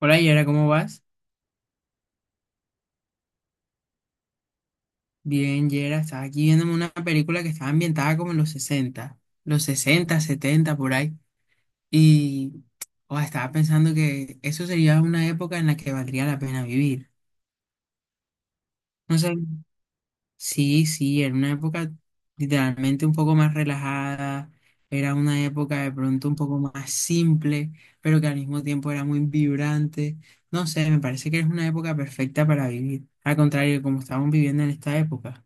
Hola Yera, ¿cómo vas? Bien, Yera, estaba aquí viéndome una película que estaba ambientada como en los 60, 70 por ahí. Y oh, estaba pensando que eso sería una época en la que valdría la pena vivir. No sé, sí, sí, era una época literalmente un poco más relajada, era una época de pronto un poco más simple, pero que al mismo tiempo era muy vibrante. No sé, me parece que es una época perfecta para vivir. Al contrario, de como estamos viviendo en esta época.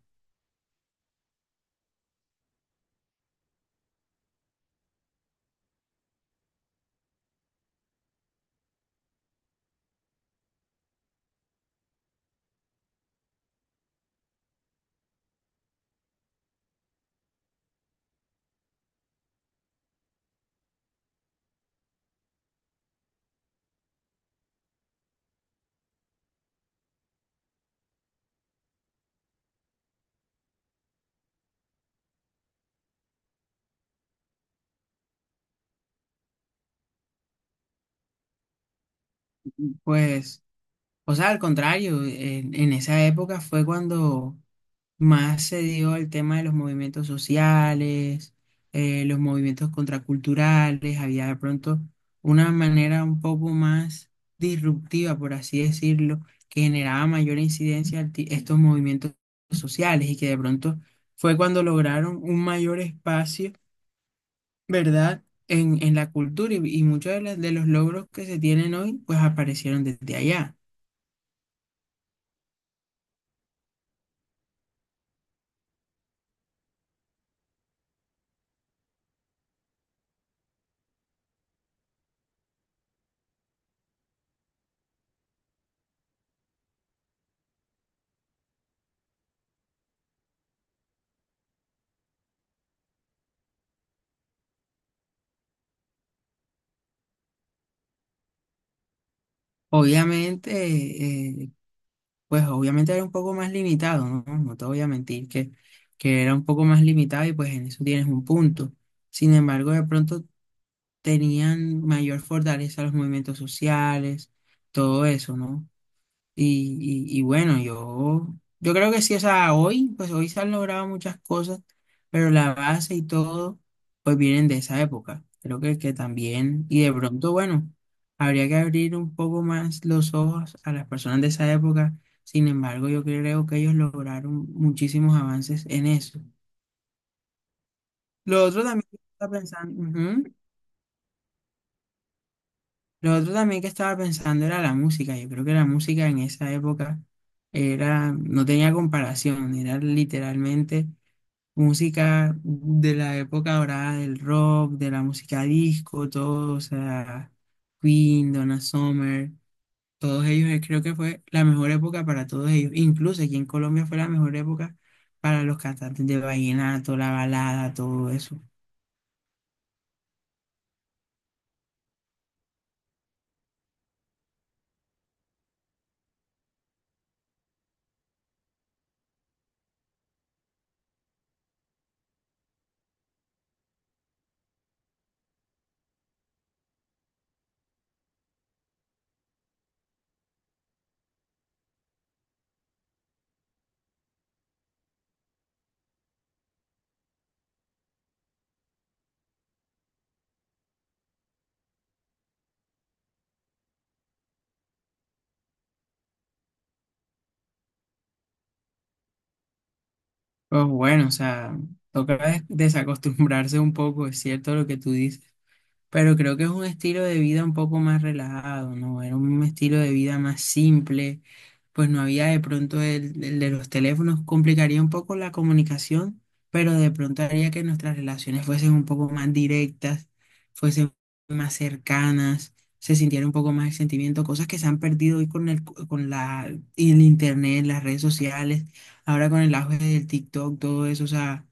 Pues, o sea, al contrario, en esa época fue cuando más se dio el tema de los movimientos sociales, los movimientos contraculturales, había de pronto una manera un poco más disruptiva, por así decirlo, que generaba mayor incidencia estos movimientos sociales y que de pronto fue cuando lograron un mayor espacio, ¿verdad? En la cultura y muchos de los logros que se tienen hoy, pues aparecieron desde allá. Obviamente, eh, pues obviamente era un poco más limitado, ¿no? No te voy a mentir que era un poco más limitado y pues en eso tienes un punto. Sin embargo, de pronto tenían mayor fortaleza los movimientos sociales, todo eso, ¿no? Y bueno, yo creo que sí, o sea, hoy, pues hoy se han logrado muchas cosas, pero la base y todo, pues vienen de esa época. Creo que también, y de pronto, bueno, habría que abrir un poco más los ojos a las personas de esa época. Sin embargo, yo creo que ellos lograron muchísimos avances en eso. Lo otro también que está pensando, ujú. Lo otro también que estaba pensando era la música. Yo creo que la música en esa época era, no tenía comparación, era literalmente música de la época dorada del rock, de la música disco, todo, o sea, Queen, Donna Summer, todos ellos, creo que fue la mejor época para todos ellos. Incluso aquí en Colombia fue la mejor época para los cantantes de vallenato, la balada, todo eso. Pues bueno, o sea, toca desacostumbrarse un poco, es cierto lo que tú dices. Pero creo que es un estilo de vida un poco más relajado, ¿no? Era un estilo de vida más simple, pues no había de pronto el de los teléfonos, complicaría un poco la comunicación, pero de pronto haría que nuestras relaciones fuesen un poco más directas, fuesen más cercanas, se sintiera un poco más el sentimiento, cosas que se han perdido hoy con el, con la, y el internet, las redes sociales, ahora con el auge del TikTok, todo eso, o sea,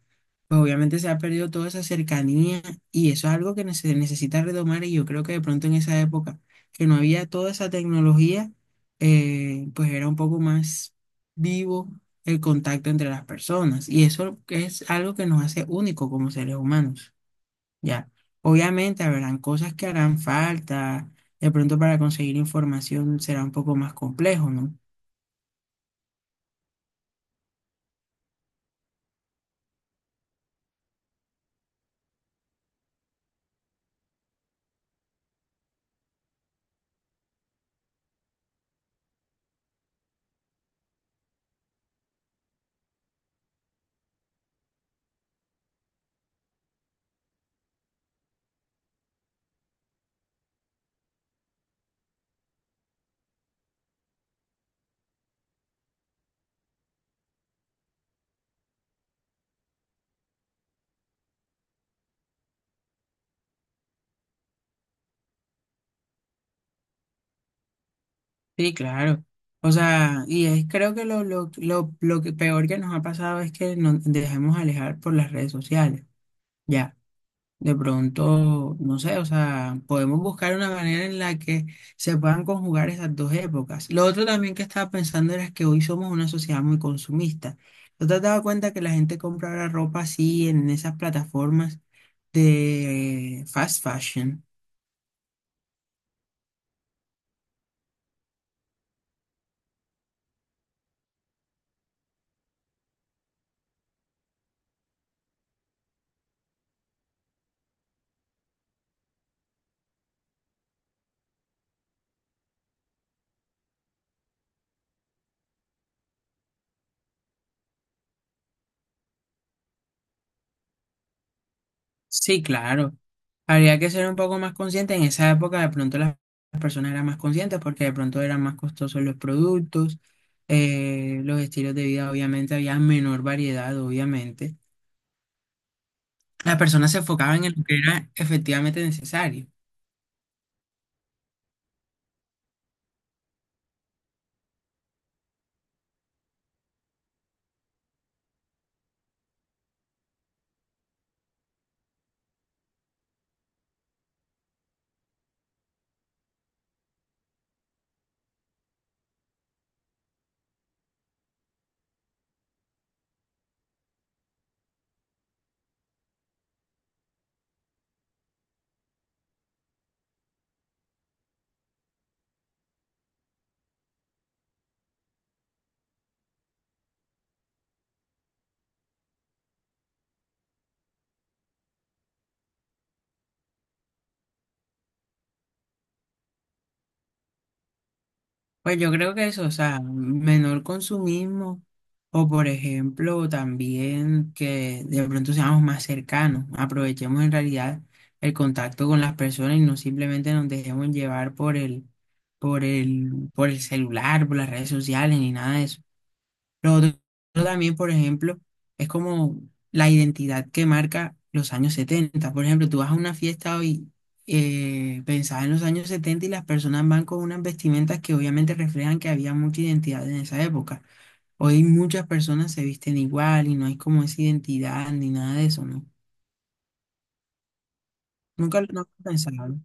pues obviamente se ha perdido toda esa cercanía y eso es algo que se necesita retomar, y yo creo que de pronto en esa época que no había toda esa tecnología, pues era un poco más vivo el contacto entre las personas. Y eso es algo que nos hace únicos como seres humanos, ¿ya? Obviamente habrán cosas que harán falta, de pronto para conseguir información será un poco más complejo, ¿no? Sí, claro. O sea, y es, creo que lo que peor que nos ha pasado es que nos dejemos alejar por las redes sociales. Ya. De pronto, no sé, o sea, podemos buscar una manera en la que se puedan conjugar esas dos épocas. Lo otro también que estaba pensando era que hoy somos una sociedad muy consumista. ¿No te has dado cuenta que la gente compra ahora ropa así en esas plataformas de fast fashion? Sí, claro. Habría que ser un poco más consciente. En esa época de pronto las personas eran más conscientes porque de pronto eran más costosos los productos, los estilos de vida, obviamente, había menor variedad, obviamente. La persona se enfocaba en lo que era efectivamente necesario. Pues yo creo que eso, o sea, menor consumismo, o por ejemplo también que de pronto seamos más cercanos, aprovechemos en realidad el contacto con las personas y no simplemente nos dejemos llevar por el celular, por las redes sociales ni nada de eso. Lo otro también, por ejemplo, es como la identidad que marca los años setenta. Por ejemplo, tú vas a una fiesta hoy pensada en los años 70 y las personas van con unas vestimentas que obviamente reflejan que había mucha identidad en esa época. Hoy muchas personas se visten igual y no hay como esa identidad ni nada de eso, ¿no? Nunca lo no lo he pensado. ¿No?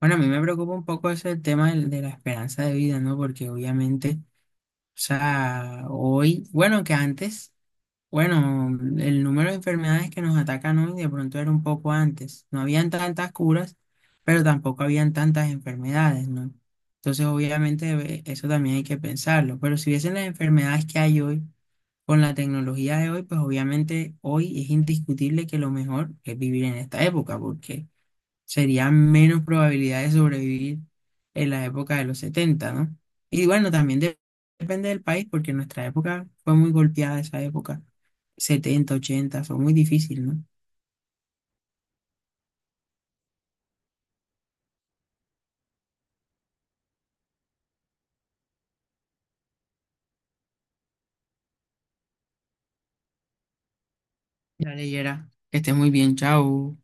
Bueno, a mí me preocupa un poco ese tema de la esperanza de vida, ¿no? Porque obviamente, o sea, hoy, bueno, que antes. Bueno, el número de enfermedades que nos atacan hoy de pronto era un poco antes. No habían tantas curas, pero tampoco habían tantas enfermedades, ¿no? Entonces, obviamente, eso también hay que pensarlo. Pero si viesen las enfermedades que hay hoy, con la tecnología de hoy, pues obviamente hoy es indiscutible que lo mejor es vivir en esta época, porque sería menos probabilidad de sobrevivir en la época de los setenta, ¿no? Y bueno, también depende del país, porque nuestra época fue muy golpeada, esa época 70 80 fue muy difícil, ¿no? Ya leyera. Que esté muy bien, chao.